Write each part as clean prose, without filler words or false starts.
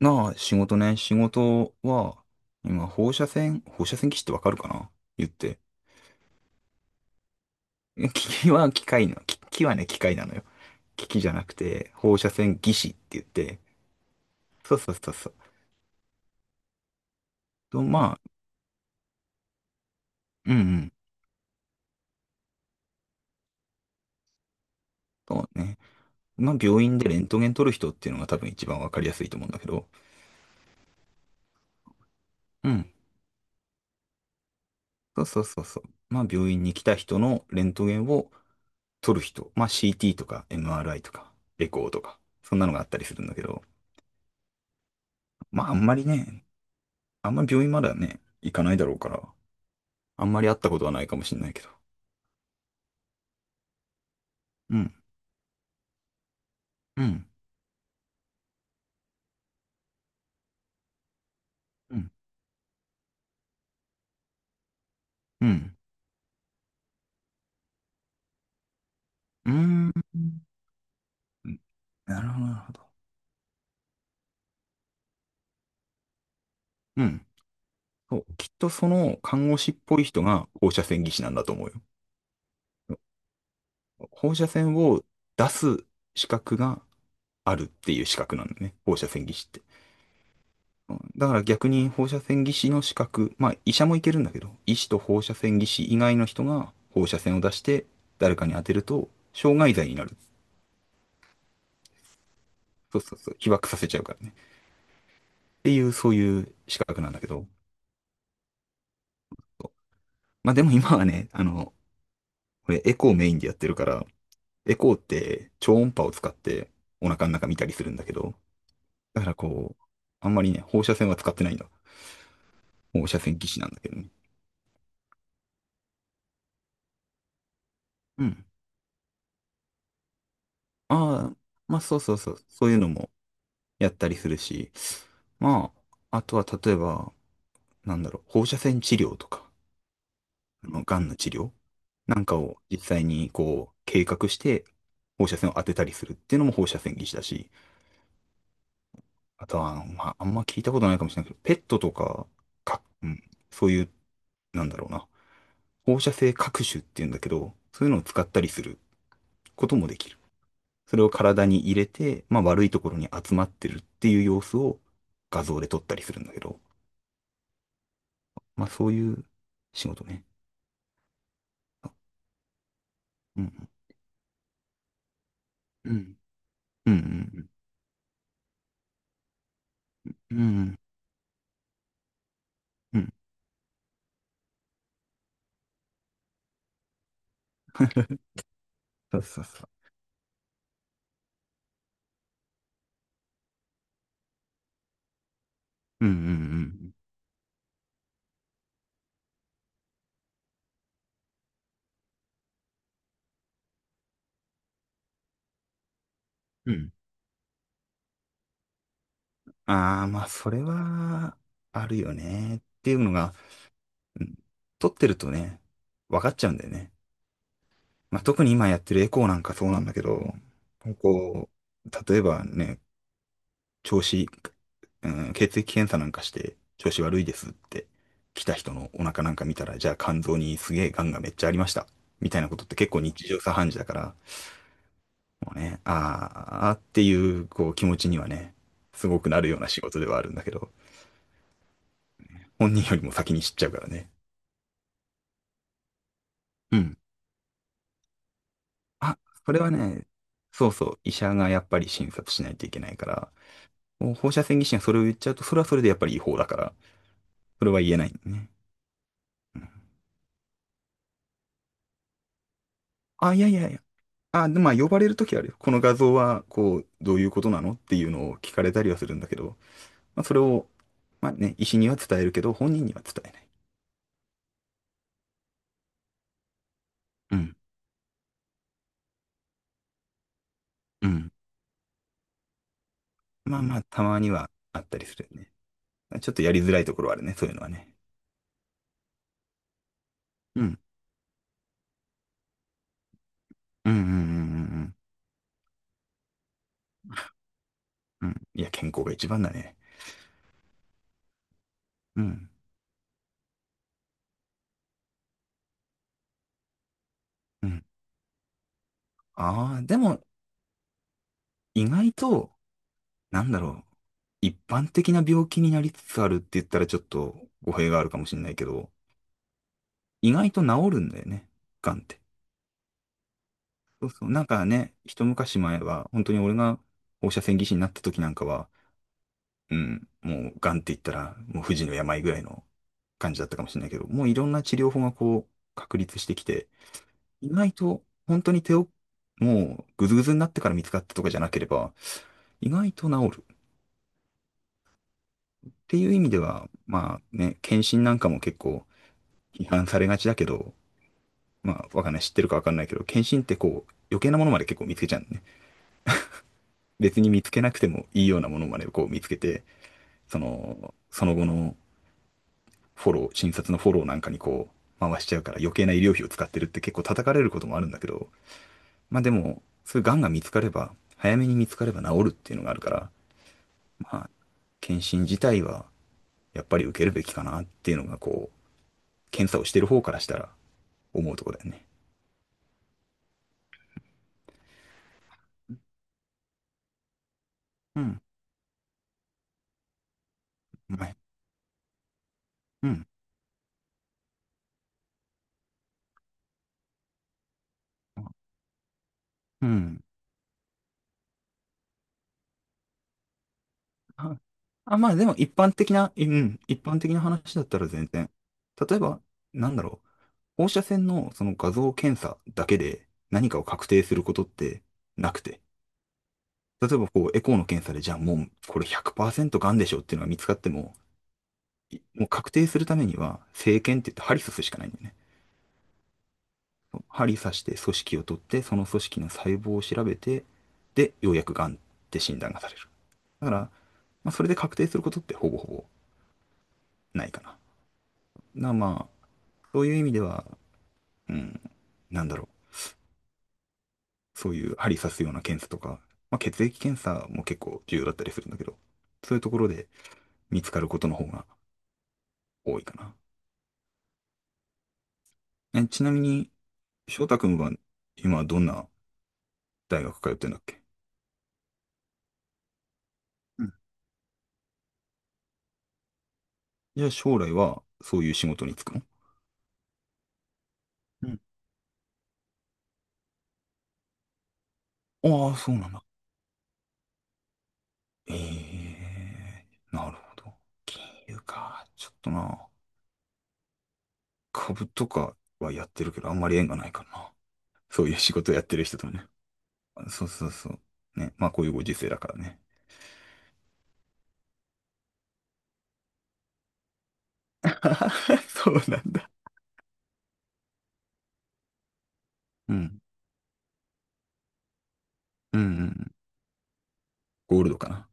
なあ、仕事ね。仕事は、今、放射線技師ってわかるかな。言って。機器は機械の、機器はね、機械なのよ。機器じゃなくて、放射線技師って言って。そうそうそうそう。と、まあ、うんうん。そうね。まあ、病院でレントゲン取る人っていうのが多分一番わかりやすいと思うんだけど。うん。そうそうそうそう。まあ、病院に来た人のレントゲンを取る人。まあ、CT とか MRI とか、エコーとか、そんなのがあったりするんだけど。まあ、あんまりね、あんま病院まではね、行かないだろうから、あんまり会ったことはないかもしれないけど。うん、うん、うん、うん、うーん。うん、なるほど、なるほど。うん。そう、きっとその看護師っぽい人が放射線技師なんだと思うよ。放射線を出す資格があるっていう資格なんだね。放射線技師って。うん。だから逆に放射線技師の資格、まあ医者もいけるんだけど、医師と放射線技師以外の人が放射線を出して誰かに当てると、傷害罪になる。そうそうそう、被爆させちゃうからね。っていう、そういう資格なんだけど。まあでも今はね、これエコーメインでやってるから、エコーって超音波を使ってお腹の中見たりするんだけど、だからこう、あんまりね、放射線は使ってないんだ。放射線技師なんだけどね。うん。ああ、まあそうそうそう、そういうのもやったりするし、まあ、あとは例えば、なんだろう、放射線治療とか。癌の治療なんかを実際にこう、計画して、放射線を当てたりするっていうのも放射線技師だし、あとは、まあ、あんま聞いたことないかもしれないけど、ペットとか、うん、そういう、なんだろうな、放射性核種っていうんだけど、そういうのを使ったりすることもできる。それを体に入れて、まあ悪いところに集まってるっていう様子を画像で撮ったりするんだけど、まあそういう仕事ね。うん。うん。うん。うん。うん。うん。うん。そうそうそう。うん、うん、うん、うん。ああ、まあ、それは、あるよね。っていうのが、うん、撮ってるとね、分かっちゃうんだよね。まあ、特に今やってるエコーなんかそうなんだけど、こう、例えばね、調子、うん、血液検査なんかして調子悪いですって、来た人のお腹なんか見たら、じゃあ肝臓にすげえ癌がめっちゃありました。みたいなことって結構日常茶飯事だから、もうね、あーあーっていう、こう気持ちにはね、すごくなるような仕事ではあるんだけど、本人よりも先に知っちゃうからね。うん。あ、それはね、そうそう、医者がやっぱり診察しないといけないから、もう放射線技師がそれを言っちゃうと、それはそれでやっぱり違法だから、それは言えないんだね。うん。あ、いやいやいや。あ、でまあ、呼ばれるときあるよ。この画像は、こう、どういうことなのっていうのを聞かれたりはするんだけど、まあ、それを、まあね、医師には伝えるけど、本人には伝えない。うん。うん。まあまあ、たまにはあったりするよね。ちょっとやりづらいところはあるね、そういうのはね。うん。うん。うん。うん。うんうん。うん。いや、健康が一番だね。うん。うん。ああ、でも、意外と、なんだろう。一般的な病気になりつつあるって言ったらちょっと語弊があるかもしれないけど、意外と治るんだよね。癌って。そうそう。なんかね、一昔前は、本当に俺が放射線技師になった時なんかは、うん、もう癌って言ったら、もう不治の病ぐらいの感じだったかもしれないけど、もういろんな治療法がこう、確立してきて、意外と本当に手をもうグズグズになってから見つかったとかじゃなければ意外と治るっていう意味ではまあね、検診なんかも結構批判されがちだけど、まあわかんない、知ってるかわかんないけど、検診ってこう余計なものまで結構見つけちゃうんだね。別に見つけなくてもいいようなものまでこう見つけて、その後のフォロー、診察のフォローなんかにこう回しちゃうから余計な医療費を使ってるって結構叩かれることもあるんだけど、まあでもそういう癌が見つかれば、早めに見つかれば治るっていうのがあるから、まあ、検診自体はやっぱり受けるべきかなっていうのが、こう、検査をしてる方からしたら思うところだよね。うん。まあ、うん。うん。あ、まあでも一般的な話だったら全然。例えば、なんだろう、放射線のその画像検査だけで何かを確定することってなくて、例えばこう、エコーの検査で、じゃあもうこれ100%がんでしょっていうのが見つかっても、もう確定するためには、生検って言って針刺すしかないんだよね。針刺して組織を取って、その組織の細胞を調べて、で、ようやくがんって診断がされる。だから、まあ、それで確定することってほぼほぼないかな。だから、まあ、そういう意味では、うん、なんだろう。そういう針刺すような検査とか、まあ、血液検査も結構重要だったりするんだけど、そういうところで見つかることの方が多いかな。え、ちなみに、翔太くんは今どんな大学通ってんだっけ？うん。じゃあ将来はそういう仕事に就くの？うん。ああ、そうなんだ。ええーなるほど。金融か。ちょっとな、株とかはやってるけど、あんまり縁がないからな。そういう仕事やってる人とね。そうそうそう。ね。まあ、こういうご時世だからね。そうなんだ。うん。うんうんうん。ゴールドかな。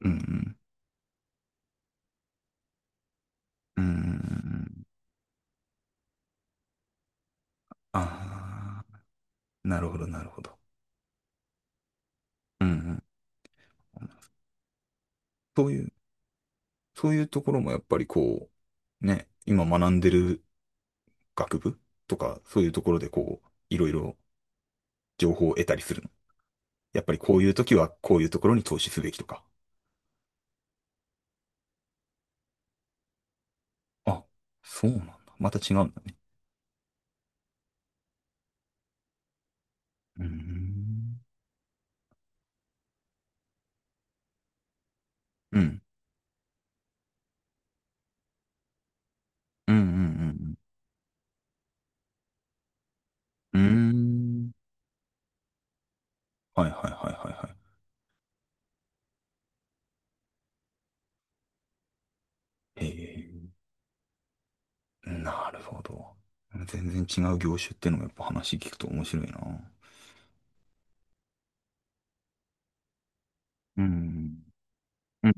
うんうん。うん、うん、うん、うん。ああ、なるほど、なるほど。うんうん。そういう、そういうところもやっぱりこう、ね、今学んでる学部とか、そういうところでこう、いろいろ情報を得たりするの？やっぱりこういう時はこういうところに投資すべきとか。あ、そうなんだ。また違うんだね。うーん。うん。うんうんうんうん。うーん。はいはいはいはいはい。へえ。なるほど。全然違う業種っていうのもやっぱ話聞くと面白いな。うん。うん。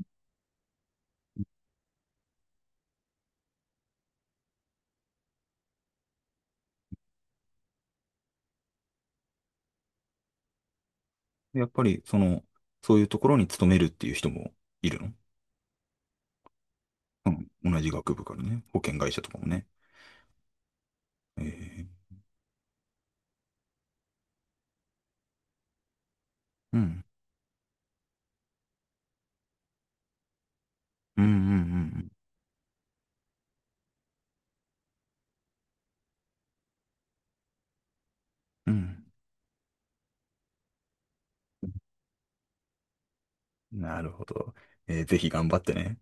やっぱりその、そういうところに勤めるっていう人もいるの？うん。同じ学部からね。保険会社とかもね。ええ。うん。うんうんうんうん。うん。なるほど。ぜひ頑張ってね。